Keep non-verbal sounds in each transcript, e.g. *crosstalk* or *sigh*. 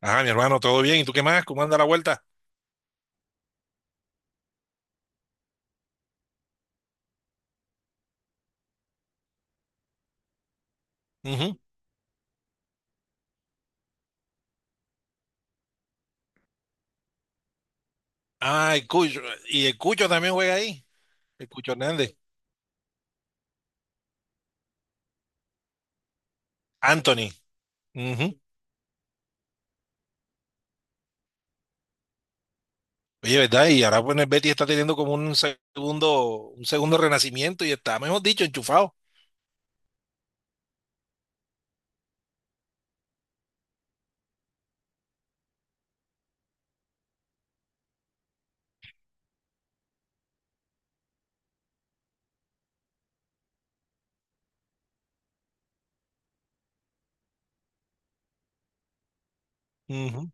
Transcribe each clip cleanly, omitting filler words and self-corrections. Ah, mi hermano, todo bien. ¿Y tú qué más? ¿Cómo anda la vuelta? Ujú. Ah, el Cucho. Y el Cucho también juega ahí. El Cucho Hernández. Anthony. Ujú. Oye, ¿verdad? Y ahora pues el Betty está teniendo como un segundo renacimiento y está, mejor dicho, enchufado. Ujú.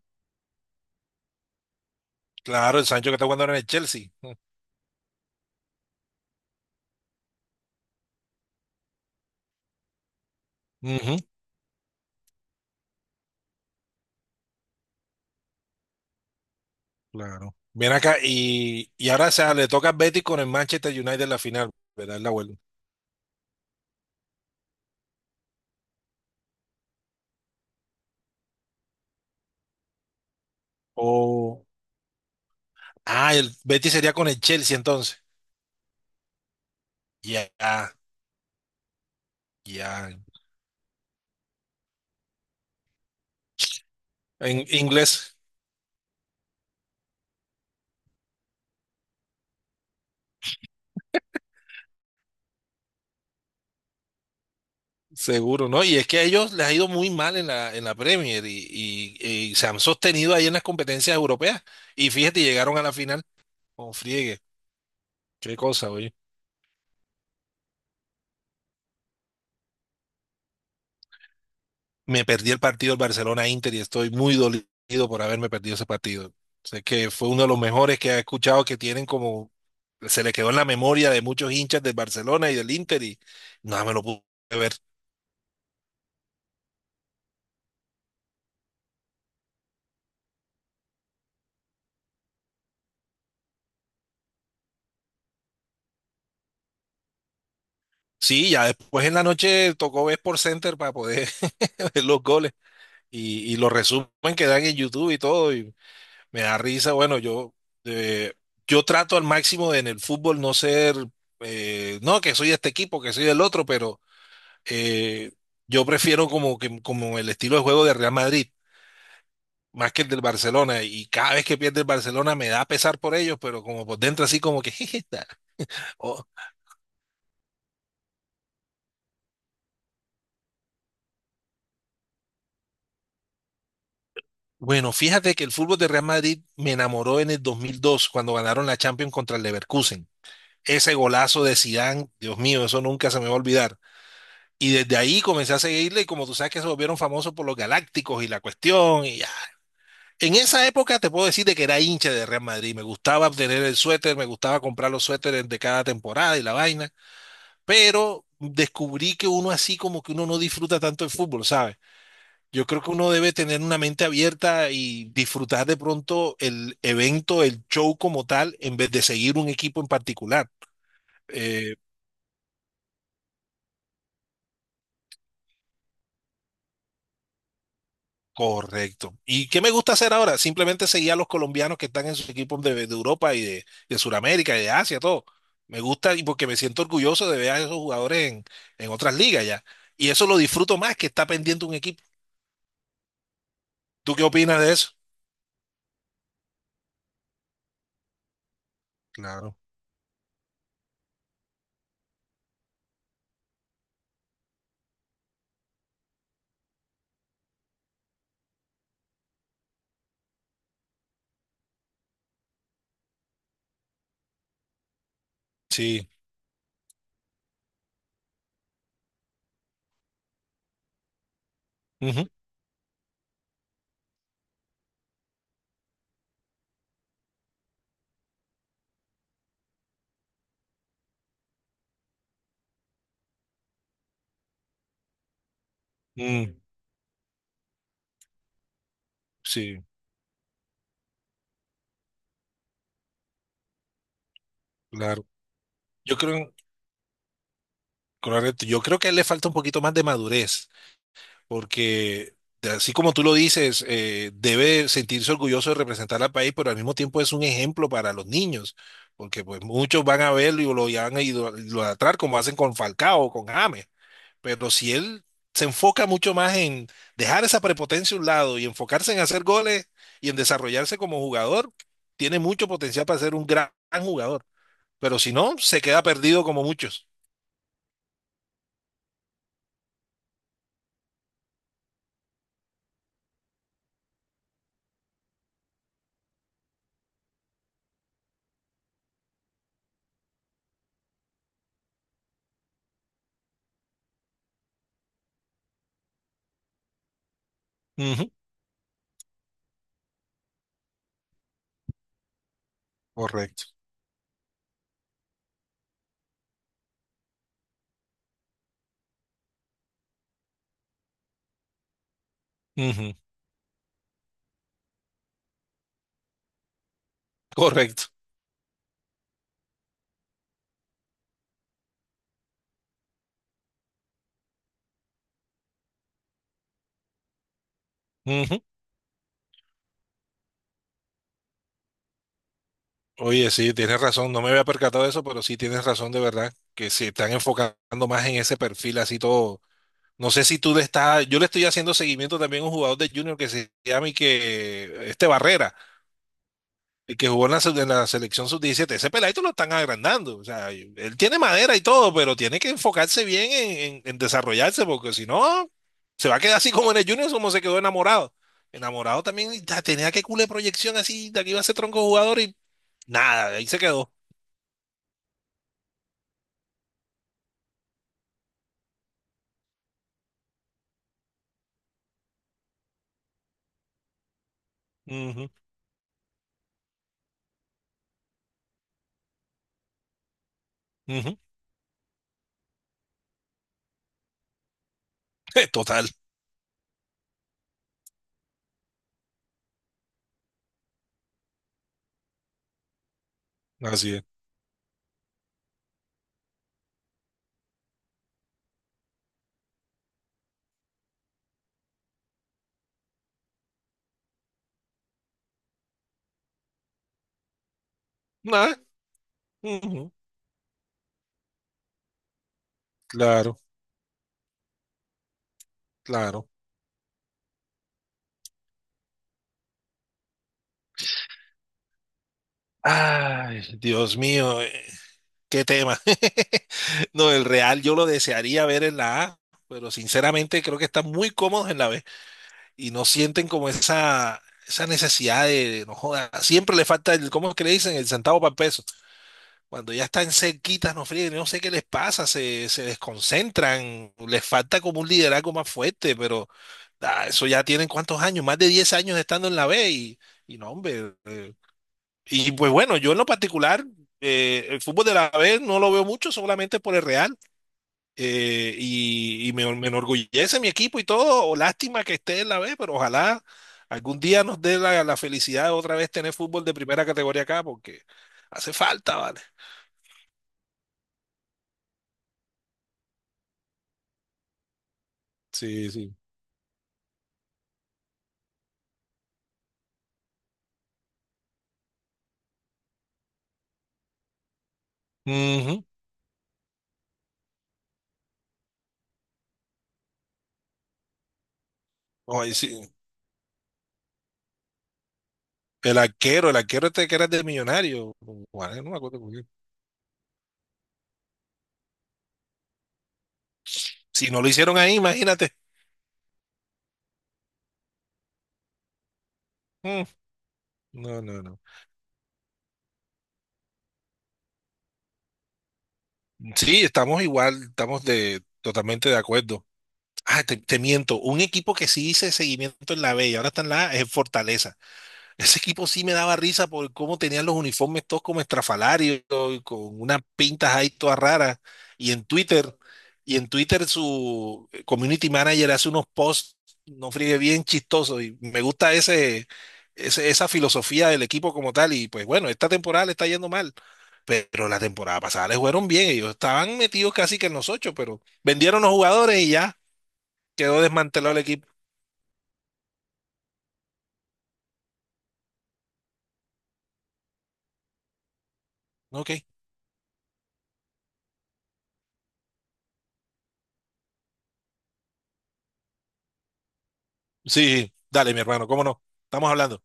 Claro, el Sancho que está jugando ahora en el Chelsea. Ujú. Claro. Ven acá y ahora o sea, le toca al Betty con el Manchester United en la final, ¿verdad? En la vuelta. O. Ah, el Betty sería con el Chelsea entonces. Ya, ya. En inglés. Seguro, ¿no? Y es que a ellos les ha ido muy mal en la Premier y se han sostenido ahí en las competencias europeas. Y fíjate, llegaron a la final con friegue. Qué cosa, oye. Me perdí el partido del Barcelona-Inter y estoy muy dolido por haberme perdido ese partido. Sé que fue uno de los mejores que he escuchado que tienen como, se le quedó en la memoria de muchos hinchas del Barcelona y del Inter y nada, me lo pude ver. Sí, ya después en la noche tocó ver por Center para poder *laughs* ver los goles y los resumen que dan en YouTube y todo. Y me da risa, bueno, yo, eh, yo trato al máximo de en el fútbol no ser, no, que soy de este equipo, que soy del otro, pero eh, yo prefiero como, que, como el estilo de juego de Real Madrid, más que el del Barcelona, y cada vez que pierde el Barcelona me da pesar por ellos, pero como por dentro así como que, *laughs* jeje, oh. Bueno, fíjate que el fútbol de Real Madrid me enamoró en el 2002 cuando ganaron la Champions contra el Leverkusen. Ese golazo de Zidane, Dios mío, eso nunca se me va a olvidar. Y desde ahí comencé a seguirle y como tú sabes que se volvieron famosos por los Galácticos y la cuestión y ya. En esa época te puedo decir de que era hincha de Real Madrid. Me gustaba obtener el suéter, me gustaba comprar los suéteres de cada temporada y la vaina. Pero descubrí que uno así como que uno no disfruta tanto el fútbol, ¿sabes? Yo creo que uno debe tener una mente abierta y disfrutar de pronto el evento, el show como tal, en vez de seguir un equipo en particular. Eh, Correcto. ¿Y qué me gusta hacer ahora? Simplemente seguir a los colombianos que están en sus equipos de Europa y de Sudamérica y de Asia, todo. Me gusta y porque me siento orgulloso de ver a esos jugadores en, otras ligas ya. Y eso lo disfruto más que está pendiente un equipo. ¿Tú qué opinas de eso? Claro. Sí. Ujú. Mm, sí, claro. Yo creo, correcto. Yo creo que a él le falta un poquito más de madurez. Porque así como tú lo dices, debe sentirse orgulloso de representar al país, pero al mismo tiempo es un ejemplo para los niños, porque pues muchos van a verlo y lo y van a idolatrar como hacen con Falcao o con James, pero si él se enfoca mucho más en dejar esa prepotencia a un lado y enfocarse en hacer goles y en desarrollarse como jugador, tiene mucho potencial para ser un gran jugador, pero si no, se queda perdido como muchos. Ujú, correcto. Ujú, correcto. Oye, sí, tienes razón, no me había percatado de eso, pero sí tienes razón de verdad, que se están enfocando más en ese perfil así todo. No sé si tú le estás, yo le estoy haciendo seguimiento también a un jugador de Junior que se llama y que, este Barrera, el que jugó en la, en la selección sub 17. Ese peladito lo están agrandando, o sea, él tiene madera y todo, pero tiene que enfocarse bien en, en desarrollarse, porque si no, se va a quedar así como en el Junior, como se quedó enamorado. Enamorado también, y tenía que cule proyección así, de aquí iba a ser tronco jugador y nada, ahí se quedó. Ujú, ujú. *laughs* Total, así es. Ah, ujú, claro, claro. Ay, Dios mío, qué tema. *laughs* No, el Real yo lo desearía ver en la A, pero sinceramente creo que están muy cómodos en la B y no sienten como esa, necesidad de, no joda, siempre le falta el, ¿cómo es que le dicen? El centavo para el peso. Cuando ya están cerquitas, no fríen, no sé qué les pasa, se desconcentran, les falta como un liderazgo más fuerte, pero eso ya tienen cuántos años, más de 10 años estando en la B y no, hombre. Y pues bueno, yo en lo particular, el fútbol de la B no lo veo mucho, solamente por el Real. Y me enorgullece mi equipo y todo. O lástima que esté en la B, pero ojalá algún día nos dé la felicidad de otra vez tener fútbol de primera categoría acá, porque hace falta, ¿vale? Sí, sí. Ujú. Ay, sí. El arquero este que era de millonario. No me acuerdo cómo era. Si no lo hicieron ahí, imagínate. Mm, no, no, no. Sí, estamos igual, estamos de, totalmente de acuerdo. Ah, te miento. Un equipo que sí hice seguimiento en la B y ahora está en la A es Fortaleza. Ese equipo sí me daba risa por cómo tenían los uniformes todos como estrafalarios y con unas pintas ahí todas raras. Y en Twitter, y en Twitter, su community manager hace unos posts, no friegue bien chistosos. Y me gusta ese, esa filosofía del equipo como tal. Y pues bueno, esta temporada le está yendo mal. Pero la temporada pasada les fueron bien. Ellos estaban metidos casi que en los ocho, pero vendieron los jugadores y ya quedó desmantelado el equipo. Ok. Sí, dale, mi hermano, cómo no. Estamos hablando.